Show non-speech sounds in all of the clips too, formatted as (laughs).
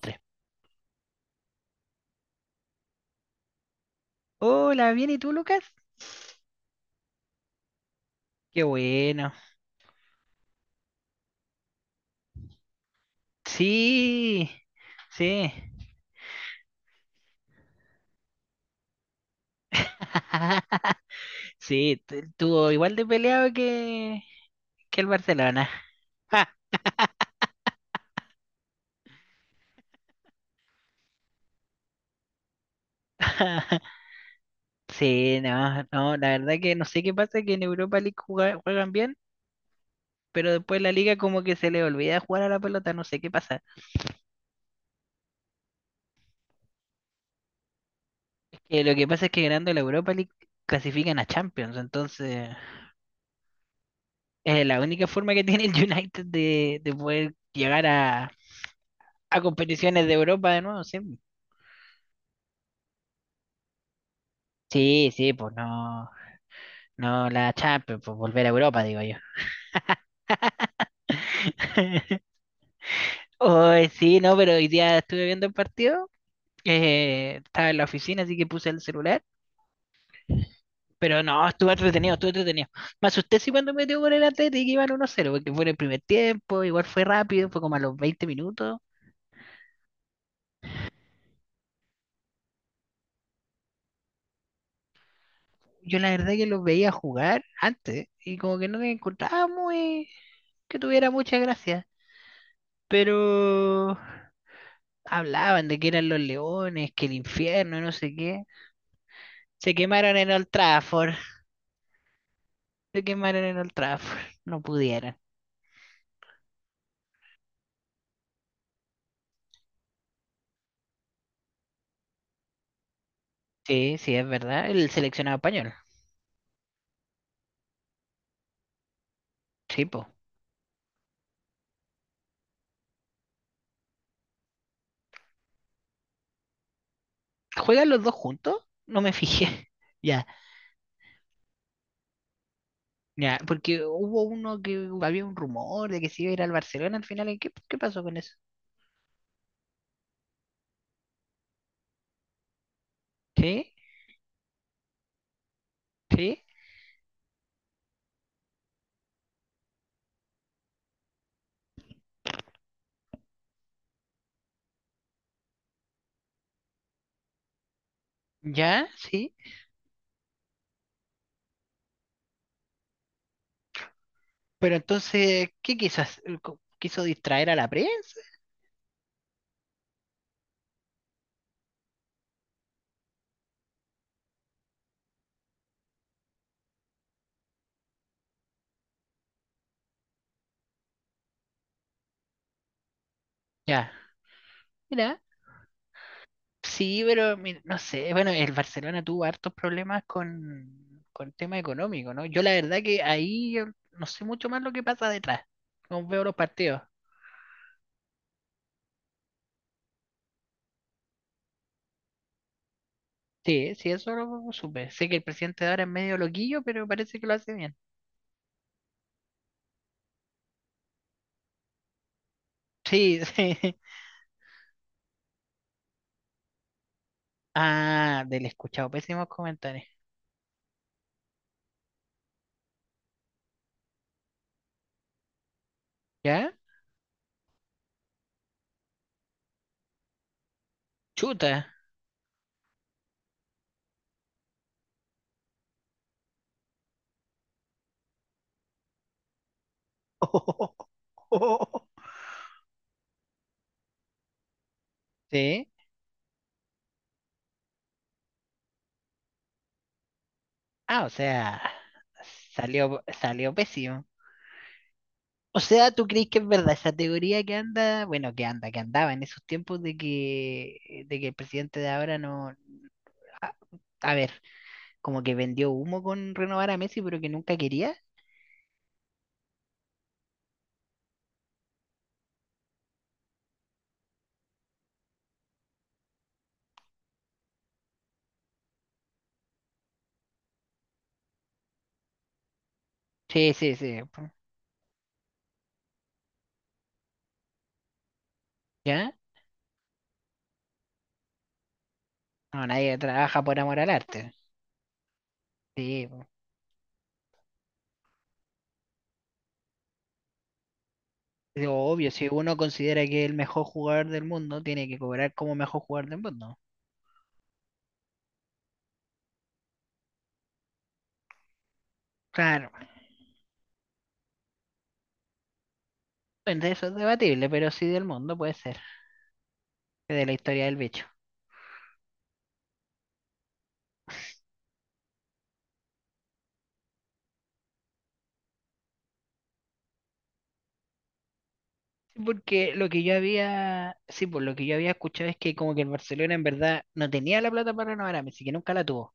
Tres. Hola, ¿bien y tú, Lucas? Qué bueno. Sí, sí. (laughs) Sí, tuvo igual de peleado que el Barcelona. (laughs) Sí, no, no, la verdad que no sé qué pasa, que en Europa League juegan bien, pero después la liga como que se le olvida jugar a la pelota, no sé qué pasa. Lo que pasa es que ganando la Europa League clasifican a Champions, entonces es la única forma que tiene el (laughs) United de poder llegar a competiciones de Europa de nuevo, sí. Sí, sí, pues no, no la Champions, pues volver a Europa, digo yo. (laughs) Hoy sí, no, pero hoy día estuve viendo el partido, estaba en la oficina, así que puse el celular, pero no, estuve entretenido, estuve entretenido. Me asusté sí cuando metió por el Atlético y que iban 1-0, porque fue en el primer tiempo, igual fue rápido, fue como a los 20 minutos. Yo la verdad que los veía jugar antes y como que no me encontraba muy que tuviera mucha gracia, pero hablaban de que eran los leones, que el infierno, no sé qué. Se quemaron en Old Trafford. Se quemaron en Old Trafford. No pudieron. Sí, sí, es verdad. El seleccionado español. Sí, po. ¿Juegan los dos juntos? No me fijé. (laughs) Ya, ya, porque hubo uno que había un rumor de que se iba a ir al Barcelona al final. ¿Y qué, qué pasó con eso? Sí, sí, ya, sí. Pero entonces, ¿qué quiso hacer? ¿Quiso distraer a la prensa? Ya, mira, sí, pero mira, no sé, bueno, el Barcelona tuvo hartos problemas con tema económico, ¿no? Yo la verdad que ahí yo no sé mucho más lo que pasa detrás, no veo los partidos. Sí, sí, eso lo supe. Sé que el presidente de ahora es medio loquillo, pero parece que lo hace bien. Sí, (laughs) sí. Ah, del escuchado, pésimos comentarios. ¿Ya? Chuta. (laughs) Sí. Ah, o sea, salió, salió pésimo. O sea, ¿tú crees que es verdad esa teoría que anda, bueno, que anda, que andaba en esos tiempos de que el presidente de ahora no, a, a ver, como que vendió humo con renovar a Messi, pero que nunca quería? Sí, sí, sí. Pu. ¿Ya? No, nadie trabaja por amor al arte. Sí, pu. Es obvio, si uno considera que es el mejor jugador del mundo, tiene que cobrar como mejor jugador del mundo. Claro, bueno, eso es debatible, pero sí del mundo puede ser, de la historia del bicho. Sí, porque lo que yo había, sí, por lo que yo había escuchado es que como que el Barcelona en verdad no tenía la plata para renovar a Messi, que nunca la tuvo.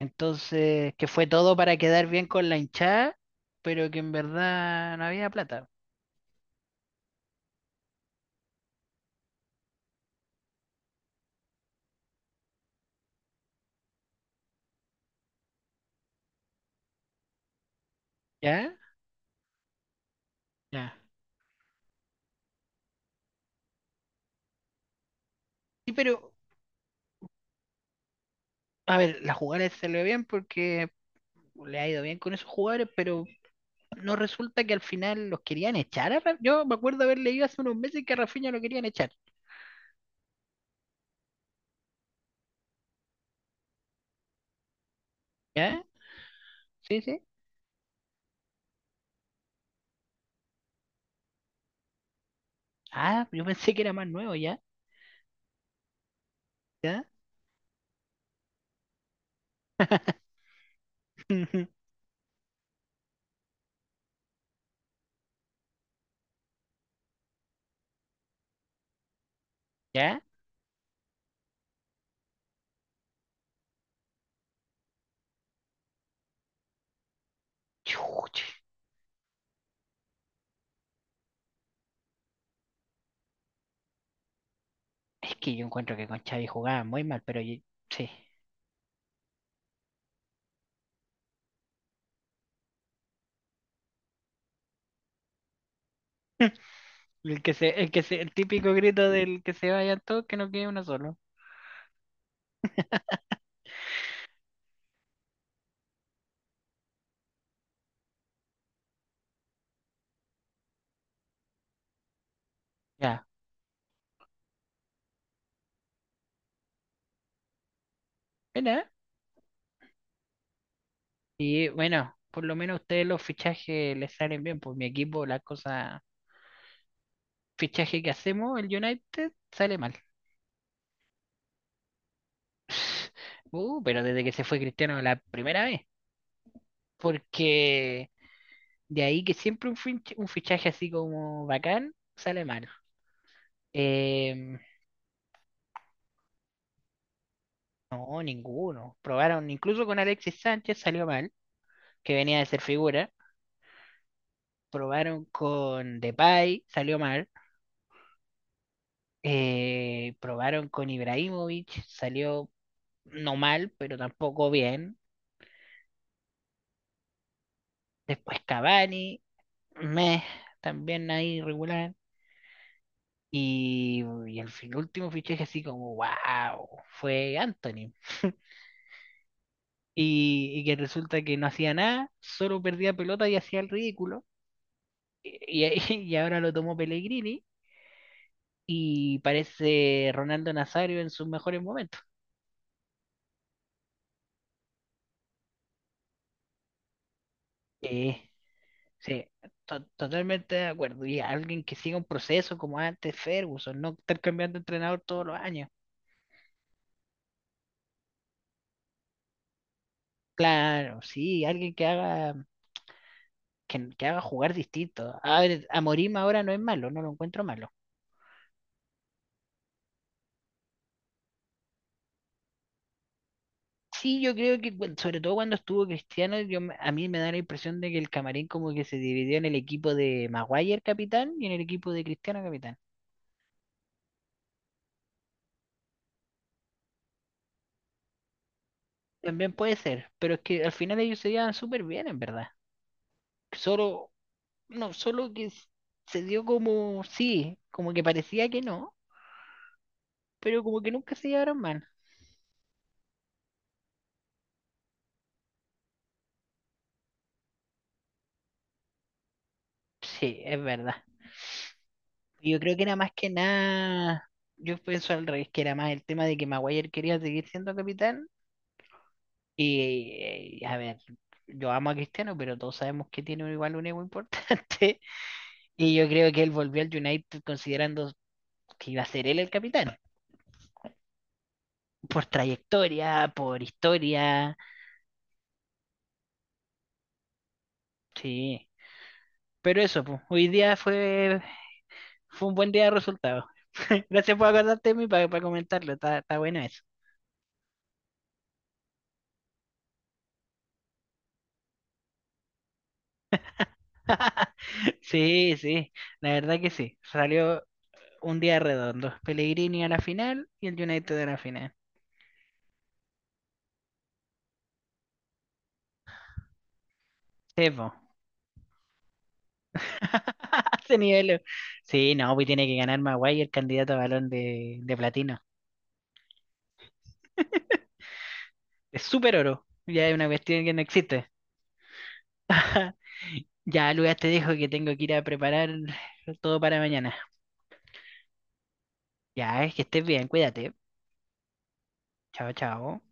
Entonces, que fue todo para quedar bien con la hinchada, pero que en verdad no había plata. ¿Ya? Ya. Sí, pero, a ver, la jugada se le ve bien porque le ha ido bien con esos jugadores, pero no resulta que al final los querían echar. Yo me acuerdo haber leído hace unos meses que a Rafinha lo querían echar. ¿Ya? Sí, sí. Ah, yo pensé que era más nuevo, ¿ya? ¿Ya? (laughs) ¿Ya? Chuch, es que yo encuentro que con Xavi jugaba muy mal, pero yo- sí. (laughs) El que se, el que se, el típico grito del que se vayan todos, que no quede uno solo. Ya. ¿Verdad? Y bueno, por lo menos a ustedes los fichajes les salen bien. Por mi equipo, la cosa, fichaje que hacemos, el United, sale mal. (laughs) Pero desde que se fue Cristiano la primera vez. Porque de ahí que siempre un, un fichaje así como bacán, sale mal. Em, No, ninguno. Probaron incluso con Alexis Sánchez, salió mal, que venía de ser figura. Probaron con Depay, salió mal. Probaron con Ibrahimovic, salió no mal, pero tampoco bien. Después Cavani, meh, también ahí irregular. Y el último fichaje así como, wow, fue Anthony. Y que resulta que no hacía nada, solo perdía pelota y hacía el ridículo. Y (laughs) y ahora lo tomó Pellegrini y parece Ronaldo Nazario en sus mejores momentos. Eh, sí, totalmente de acuerdo. Y alguien que siga un proceso como antes Ferguson, no estar cambiando de entrenador todos los años. Claro, sí, alguien que haga jugar distinto. A ver, a ahora no es malo, no lo encuentro malo. Sí, yo creo que sobre todo cuando estuvo Cristiano, yo, a mí me da la impresión de que el camarín como que se dividió en el equipo de Maguire capitán y en el equipo de Cristiano capitán. También puede ser, pero es que al final ellos se llevan súper bien, en verdad. Solo, no, solo que s- se dio como, sí, como que parecía que no, pero como que nunca se llevaron mal. Sí, es verdad. Yo creo que era más que nada, yo pienso al revés, que era más el tema de que Maguire quería seguir siendo capitán. Y, a ver, yo amo a Cristiano, pero todos sabemos que tiene igual un ego importante. (laughs) Y yo creo que él volvió al United considerando que iba a ser él el capitán. Por trayectoria, por historia. Sí. Pero eso, pues, hoy día fue, fue un buen día de resultados. (laughs) Gracias por acordarte de mí para comentarlo. Está, está bueno eso. (laughs) Sí, sí. La verdad que sí. Salió un día redondo. Pellegrini a la final y el United a la final. Sí, po. (laughs) Ese nivel. Sí, no, pues tiene que ganar Maguire el candidato a balón de platino. Es súper oro. Ya es una cuestión que no existe. (laughs) Ya, Lucas, te dejo que tengo que ir a preparar todo para mañana. Ya, es que estés bien, cuídate. Chao, chao.